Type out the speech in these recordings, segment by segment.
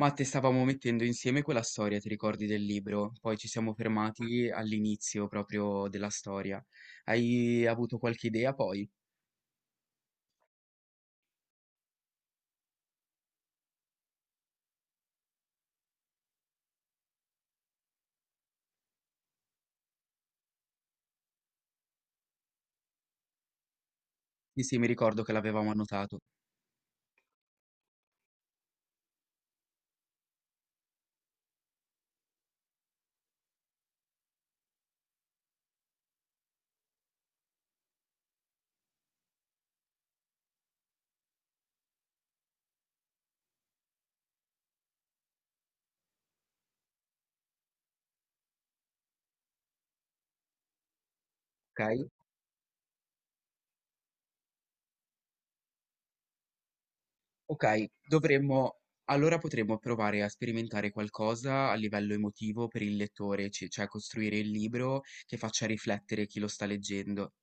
Matte, stavamo mettendo insieme quella storia, ti ricordi del libro? Poi ci siamo fermati all'inizio proprio della storia. Hai avuto qualche idea poi? Sì, sì, mi ricordo che l'avevamo annotato. Ok? Ok, dovremmo... Allora potremmo provare a sperimentare qualcosa a livello emotivo per il lettore, cioè costruire il libro che faccia riflettere chi lo sta leggendo.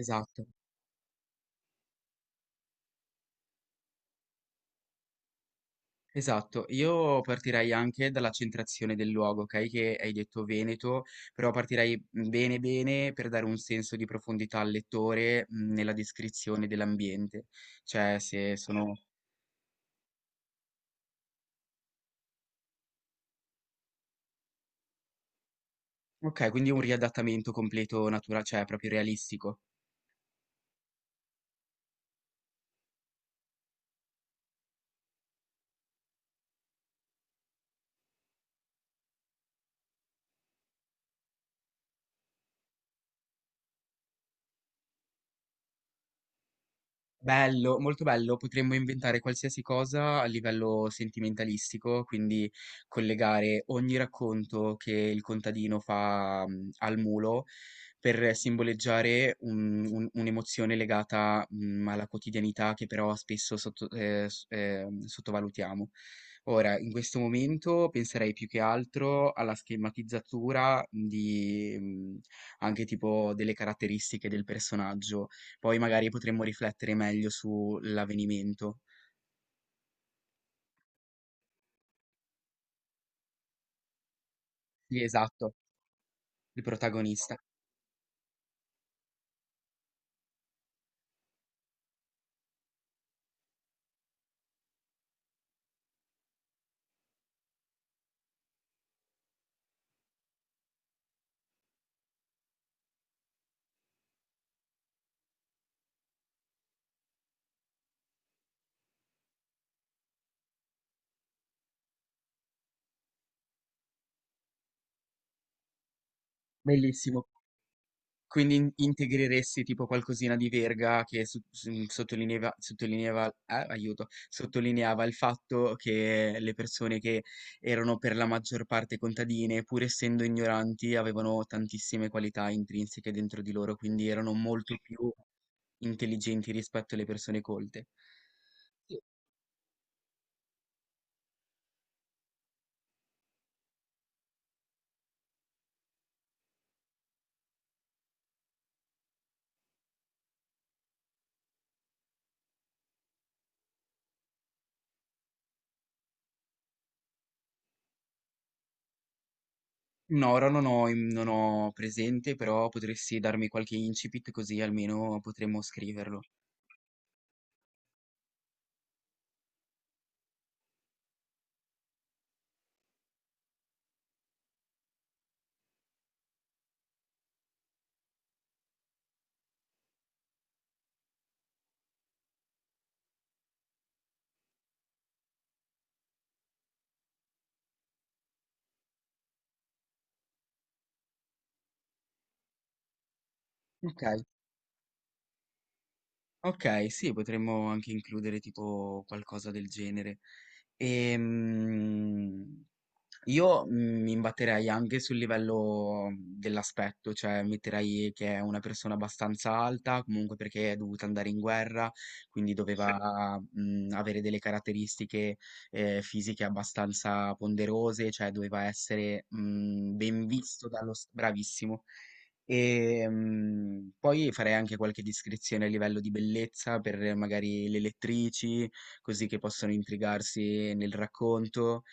Esatto. Esatto, io partirei anche dalla centrazione del luogo, ok? Che hai detto Veneto, però partirei bene bene per dare un senso di profondità al lettore nella descrizione dell'ambiente. Cioè, se sono... Ok, quindi un riadattamento completo naturale, cioè proprio realistico. Bello, molto bello. Potremmo inventare qualsiasi cosa a livello sentimentalistico, quindi collegare ogni racconto che il contadino fa al mulo per simboleggiare un'emozione legata alla quotidianità che però spesso sottovalutiamo. Ora, in questo momento penserei più che altro alla schematizzatura di anche tipo delle caratteristiche del personaggio poi magari potremmo riflettere meglio sull'avvenimento. Sì, esatto, il protagonista. Bellissimo. Quindi integreresti tipo qualcosina di Verga che sottolineava, sottolineava il fatto che le persone che erano per la maggior parte contadine, pur essendo ignoranti, avevano tantissime qualità intrinseche dentro di loro, quindi erano molto più intelligenti rispetto alle persone colte. No, ora non ho presente, però potresti darmi qualche incipit così almeno potremmo scriverlo. Okay. Okay, sì, potremmo anche includere tipo qualcosa del genere. Ehm Io mi imbatterei anche sul livello dell'aspetto, cioè metterei che è una persona abbastanza alta, comunque perché è dovuta andare in guerra, quindi sì, doveva avere delle caratteristiche fisiche abbastanza ponderose, cioè doveva essere ben visto dallo... Bravissimo. E poi farei anche qualche descrizione a livello di bellezza per magari le lettrici, così che possono intrigarsi nel racconto.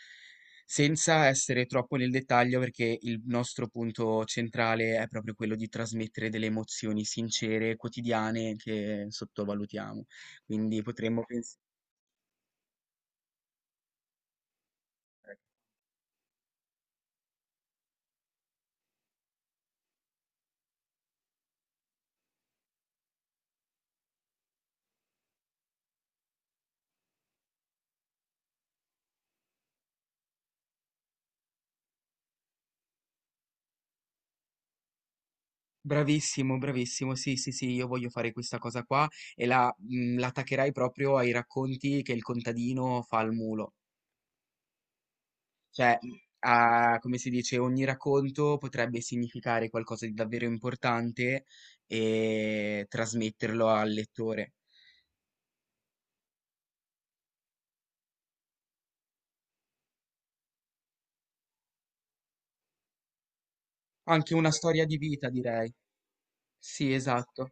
Senza essere troppo nel dettaglio, perché il nostro punto centrale è proprio quello di trasmettere delle emozioni sincere, quotidiane, che sottovalutiamo. Quindi potremmo pensare. Bravissimo, bravissimo. Sì, sì, sì, io voglio fare questa cosa qua e la, la attaccherai proprio ai racconti che il contadino fa al mulo. Cioè, come si dice, ogni racconto potrebbe significare qualcosa di davvero importante e trasmetterlo al lettore. Anche una storia di vita, direi. Sì, esatto.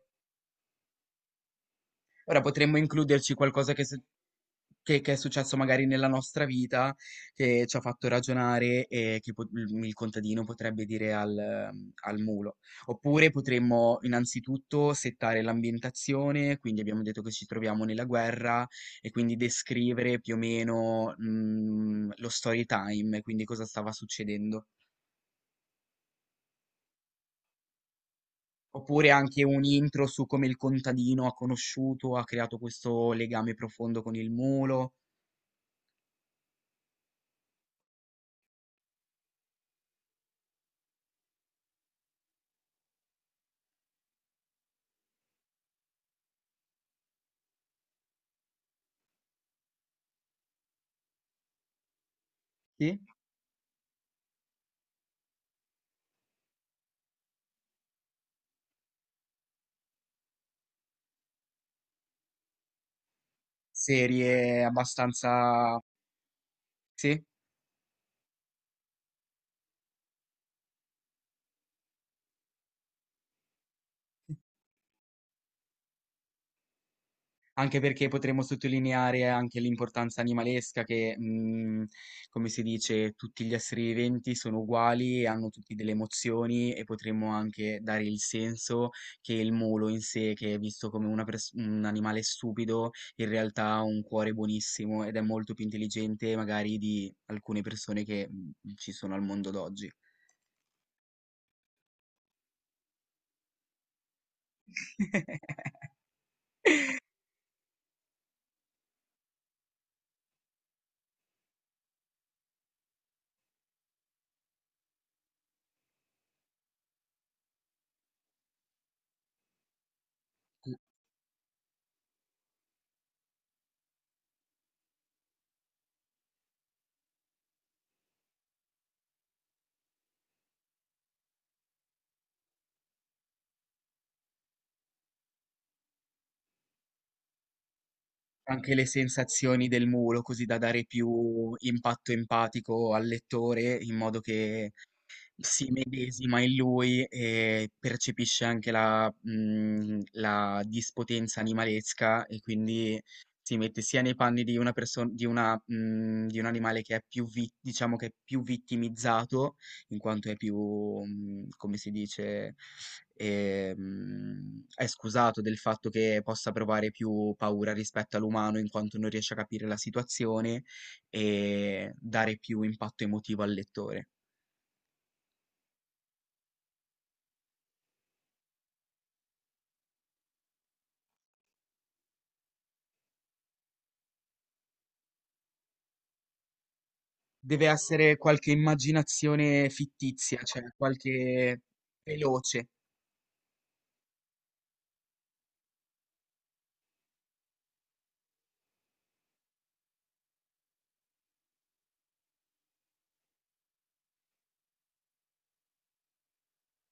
Ora potremmo includerci qualcosa che, che è successo magari nella nostra vita, che ci ha fatto ragionare e che il contadino potrebbe dire al, al mulo. Oppure potremmo innanzitutto settare l'ambientazione, quindi abbiamo detto che ci troviamo nella guerra e quindi descrivere più o meno, lo story time, quindi cosa stava succedendo. Oppure anche un intro su come il contadino ha conosciuto, ha creato questo legame profondo con il mulo. Sì? Serie abbastanza... Sì? Anche perché potremmo sottolineare anche l'importanza animalesca che, come si dice, tutti gli esseri viventi sono uguali e hanno tutti delle emozioni e potremmo anche dare il senso che il mulo in sé, che è visto come una un animale stupido, in realtà ha un cuore buonissimo ed è molto più intelligente magari di alcune persone che ci sono al mondo d'oggi. Anche le sensazioni del mulo, così da dare più impatto empatico al lettore, in modo che si medesima in lui e percepisce anche la, la dispotenza animalesca e quindi si mette sia nei panni di una perso di una di un animale che è più vi diciamo che è più vittimizzato, in quanto è più, come si dice, è scusato del fatto che possa provare più paura rispetto all'umano, in quanto non riesce a capire la situazione e dare più impatto emotivo al lettore. Deve essere qualche immaginazione fittizia, cioè qualche veloce.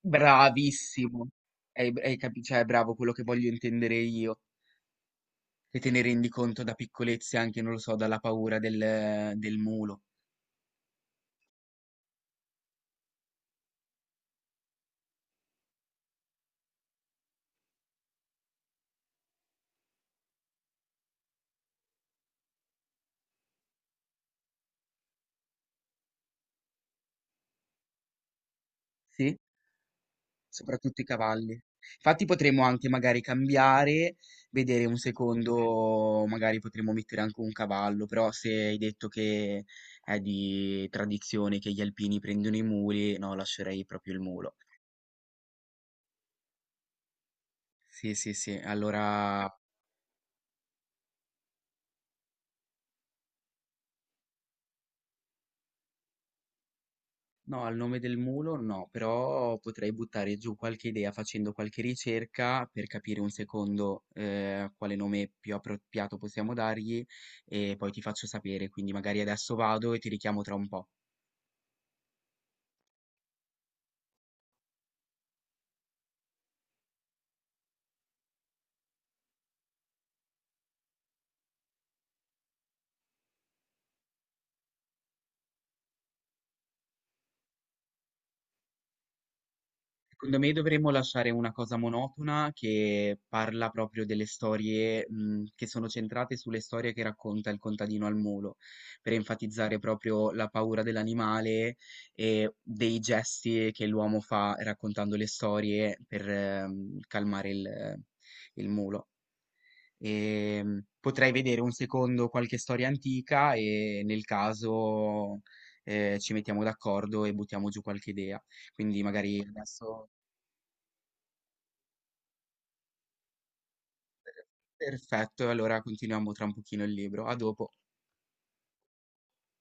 Bravissimo. Hai, cioè, è bravo quello che voglio intendere io. Che te ne rendi conto da piccolezze anche, non lo so, dalla paura del, del mulo. Sì? Soprattutto i cavalli. Infatti potremmo anche magari cambiare, vedere un secondo, magari potremmo mettere anche un cavallo, però se hai detto che è di tradizione che gli alpini prendono i muli, no, lascerei proprio il mulo. Sì, sì, sì. Allora, no, al nome del mulo no, però potrei buttare giù qualche idea facendo qualche ricerca per capire un secondo quale nome più appropriato possiamo dargli e poi ti faccio sapere. Quindi magari adesso vado e ti richiamo tra un po'. Secondo me dovremmo lasciare una cosa monotona che parla proprio delle storie, che sono centrate sulle storie che racconta il contadino al mulo, per enfatizzare proprio la paura dell'animale e dei gesti che l'uomo fa raccontando le storie per, calmare il mulo. E, potrei vedere un secondo qualche storia antica e nel caso, ci mettiamo d'accordo e buttiamo giù qualche idea. Quindi magari adesso Perfetto, allora continuiamo tra un pochino il libro. A dopo.